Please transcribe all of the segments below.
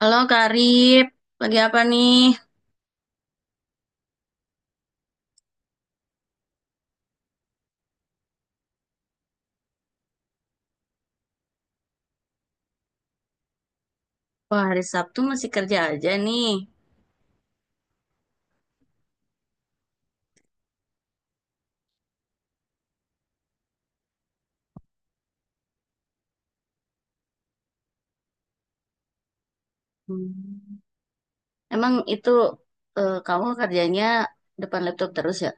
Halo Karib, lagi apa nih? Wah, hari Sabtu masih kerja aja nih. Hmm. Emang itu kamu kerjanya depan laptop terus ya?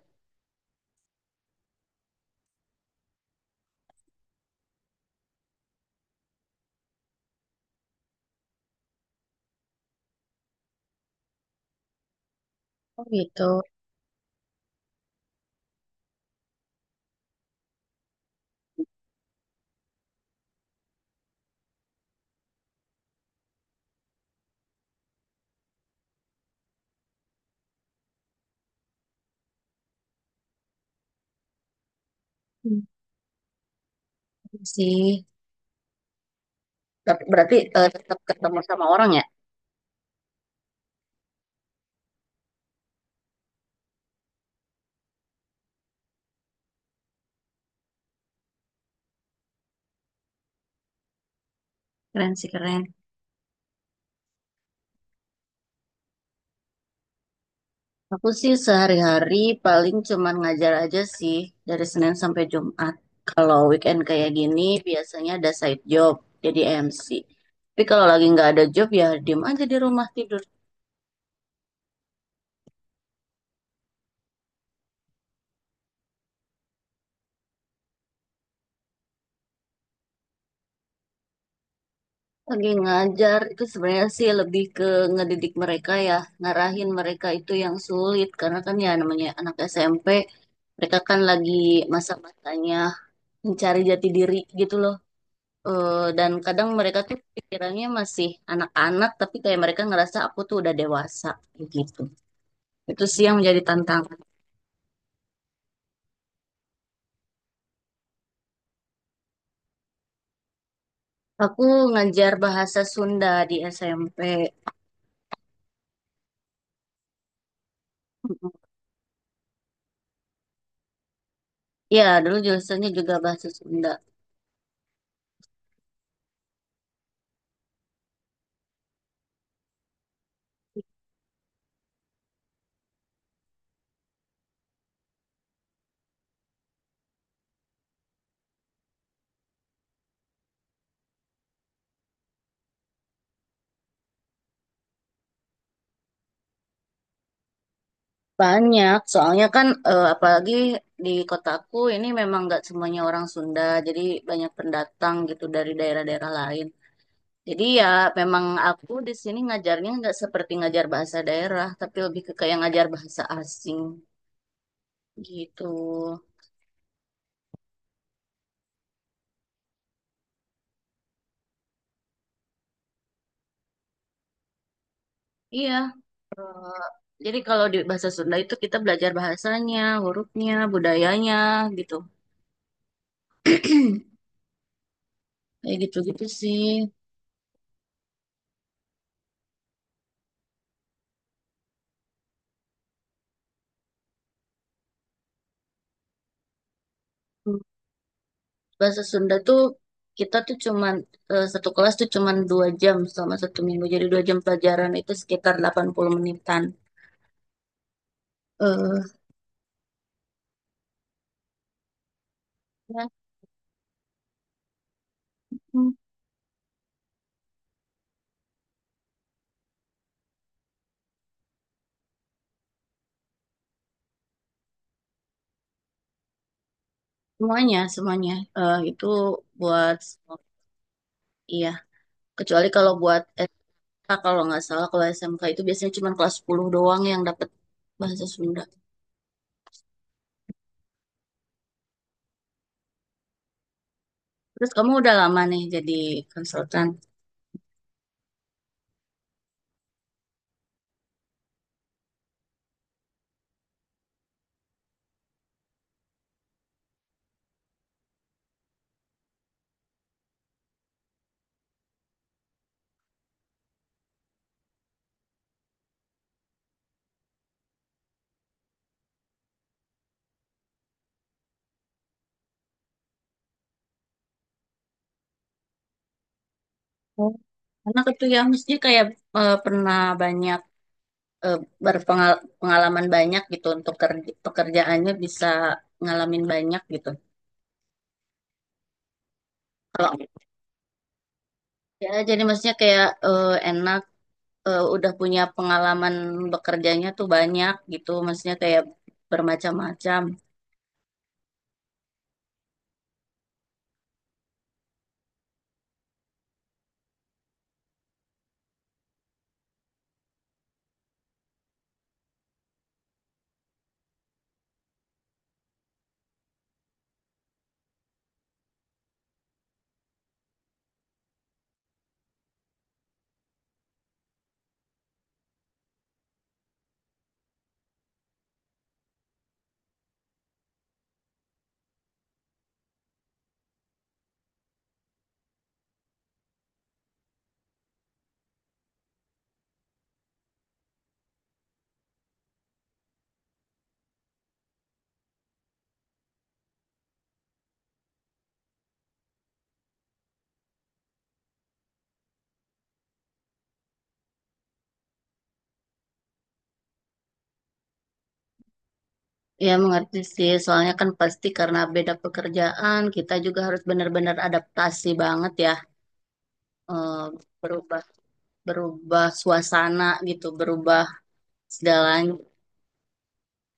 Oh gitu. Hmm, iya sih. Tapi berarti tetap ketemu sama orang ya? Keren sih keren. Aku sih sehari-hari paling cuman ngajar aja sih dari Senin sampai Jumat. Kalau weekend kayak gini biasanya ada side job jadi MC. Tapi kalau lagi nggak ada job ya diem aja di rumah tidur. Lagi ngajar itu sebenarnya sih lebih ke ngedidik mereka ya, ngarahin mereka itu yang sulit karena kan ya namanya anak SMP, mereka kan lagi masa-masanya mencari jati diri gitu loh. Dan kadang mereka tuh pikirannya masih anak-anak tapi kayak mereka ngerasa aku tuh udah dewasa gitu. Itu sih yang menjadi tantangan. Aku ngajar bahasa Sunda di SMP. Ya, dulu jurusannya juga bahasa Sunda. Banyak, soalnya kan apalagi di kotaku ini memang nggak semuanya orang Sunda, jadi banyak pendatang gitu dari daerah-daerah lain. Jadi ya memang aku di sini ngajarnya nggak seperti ngajar bahasa daerah, tapi lebih ke kayak ngajar bahasa asing gitu. Iya, eh, jadi kalau di bahasa Sunda itu kita belajar bahasanya, hurufnya, budayanya gitu. Kayak gitu-gitu sih. Hmm. Bahasa Sunda tuh kita tuh cuman satu kelas tuh cuman 2 jam selama satu minggu. Jadi 2 jam pelajaran itu sekitar 80 menitan. eh Ya, hmm, semuanya, semuanya itu buat semua. Iya. Kecuali kalau buat SMK, kalau nggak salah kalau SMK itu biasanya cuman kelas 10 doang yang dapat bahasa Sunda. Terus kamu udah lama nih jadi konsultan. Oh. Karena itu ya mesti kayak pernah banyak eh, berpengalaman banyak gitu untuk pekerjaannya bisa ngalamin banyak gitu. Kalau ya jadi maksudnya kayak enak udah punya pengalaman bekerjanya tuh banyak gitu, maksudnya kayak bermacam-macam. Ya mengerti sih, soalnya kan pasti karena beda pekerjaan, kita juga harus benar-benar adaptasi banget ya, eh, berubah berubah suasana gitu, berubah segalanya.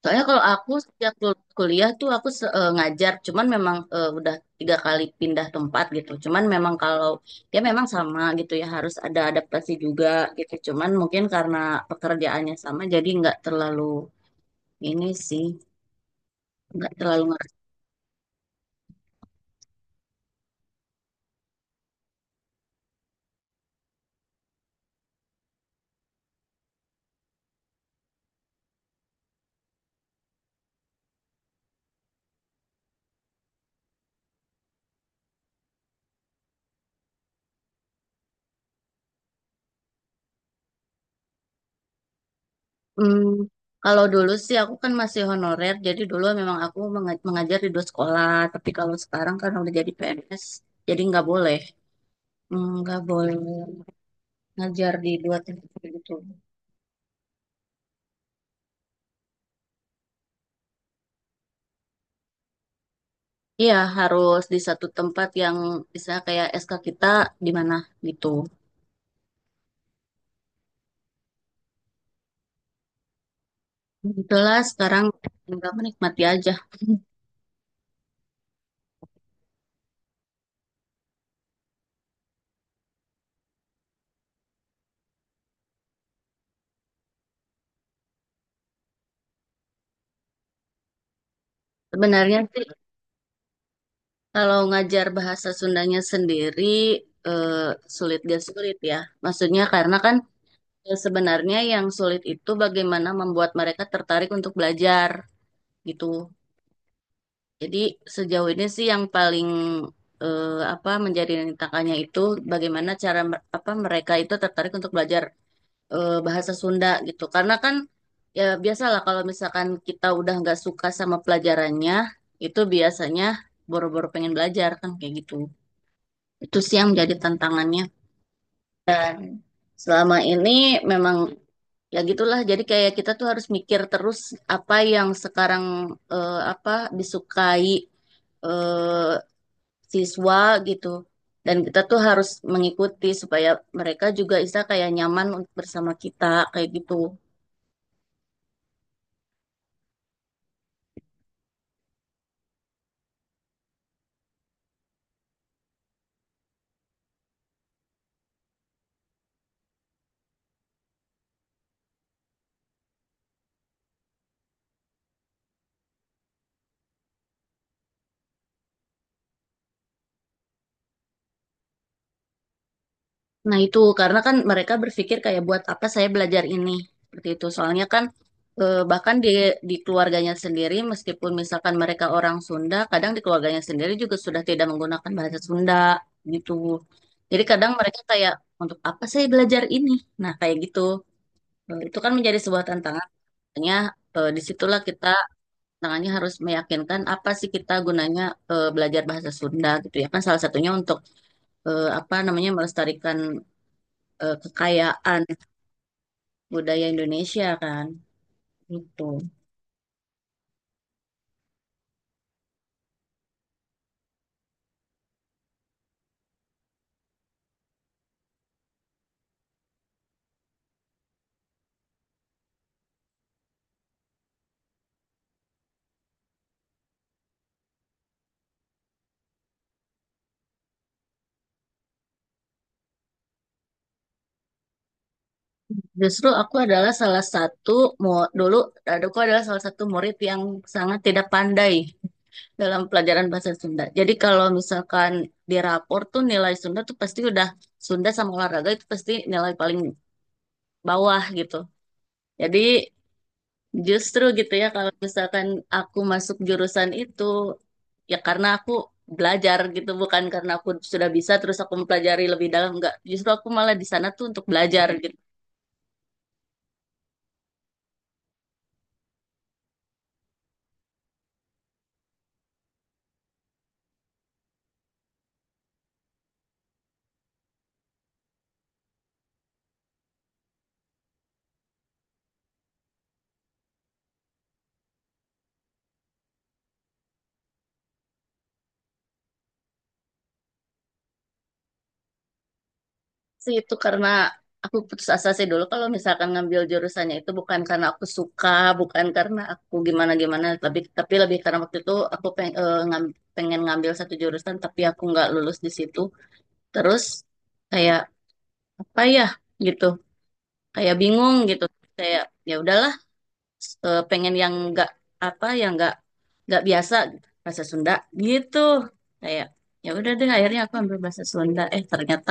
Soalnya kalau aku sejak lulus kuliah tuh aku ngajar, cuman memang udah 3 kali pindah tempat gitu. Cuman memang kalau ya memang sama gitu ya harus ada adaptasi juga gitu. Cuman mungkin karena pekerjaannya sama jadi nggak terlalu ini sih, nggak terlalu. Hmm, Kalau dulu sih aku kan masih honorer, jadi dulu memang aku mengajar di dua sekolah. Tapi kalau sekarang kan udah jadi PNS, jadi nggak boleh, nggak boleh ngajar di dua tempat gitu. Iya, harus di satu tempat yang bisa kayak SK kita di mana gitu. Itulah sekarang tinggal menikmati aja. Sebenarnya sih kalau ngajar bahasa Sundanya sendiri eh, sulit gak sulit ya. Maksudnya karena kan sebenarnya yang sulit itu bagaimana membuat mereka tertarik untuk belajar gitu. Jadi sejauh ini sih yang paling eh, apa menjadi tantangannya itu bagaimana cara apa mereka itu tertarik untuk belajar bahasa Sunda gitu. Karena kan ya biasalah kalau misalkan kita udah nggak suka sama pelajarannya, itu biasanya boro-boro pengen belajar kan kayak gitu. Itu sih yang menjadi tantangannya. Selama ini memang ya gitulah. Jadi kayak kita tuh harus mikir terus apa yang sekarang apa disukai eh, siswa gitu. Dan kita tuh harus mengikuti supaya mereka juga bisa kayak nyaman untuk bersama kita kayak gitu. Nah, itu karena kan mereka berpikir kayak buat apa saya belajar ini seperti itu. Soalnya kan bahkan di keluarganya sendiri meskipun misalkan mereka orang Sunda, kadang di keluarganya sendiri juga sudah tidak menggunakan bahasa Sunda gitu. Jadi kadang mereka kayak untuk apa saya belajar ini? Nah, kayak gitu. Itu kan menjadi sebuah tantangan. Makanya disitulah kita tangannya harus meyakinkan apa sih kita gunanya belajar bahasa Sunda gitu ya kan salah satunya untuk apa namanya melestarikan kekayaan budaya Indonesia kan gitu. Justru aku adalah salah satu dulu aku adalah salah satu murid yang sangat tidak pandai dalam pelajaran bahasa Sunda. Jadi kalau misalkan di rapor tuh nilai Sunda tuh pasti udah Sunda sama olahraga itu pasti nilai paling bawah gitu. Jadi justru gitu ya kalau misalkan aku masuk jurusan itu ya karena aku belajar gitu bukan karena aku sudah bisa terus aku mempelajari lebih dalam enggak justru aku malah di sana tuh untuk belajar sih itu karena aku putus asa sih dulu kalau misalkan ngambil jurusannya itu bukan karena aku suka, bukan karena aku gimana-gimana, tapi lebih karena waktu itu aku pengen ngambil satu jurusan tapi aku nggak lulus di situ. Terus kayak apa ya gitu, kayak bingung gitu. Kayak ya udahlah, pengen yang nggak apa yang nggak biasa, bahasa Sunda gitu. Kayak ya udah deh akhirnya aku ambil bahasa Sunda, ternyata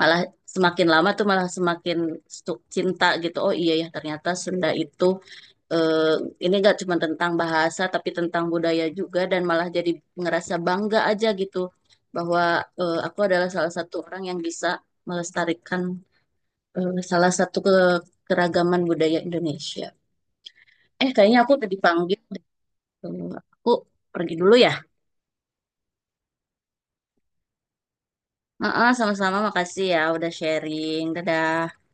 malah semakin lama tuh malah semakin cinta gitu. Oh iya ya, ternyata Sunda itu eh, ini gak cuma tentang bahasa tapi tentang budaya juga, dan malah jadi ngerasa bangga aja gitu bahwa aku adalah salah satu orang yang bisa melestarikan salah satu keragaman budaya Indonesia. Kayaknya aku tadi panggil deh. Tuh, aku pergi dulu ya. Heeh, sama-sama. Makasih ya udah sharing. Dadah.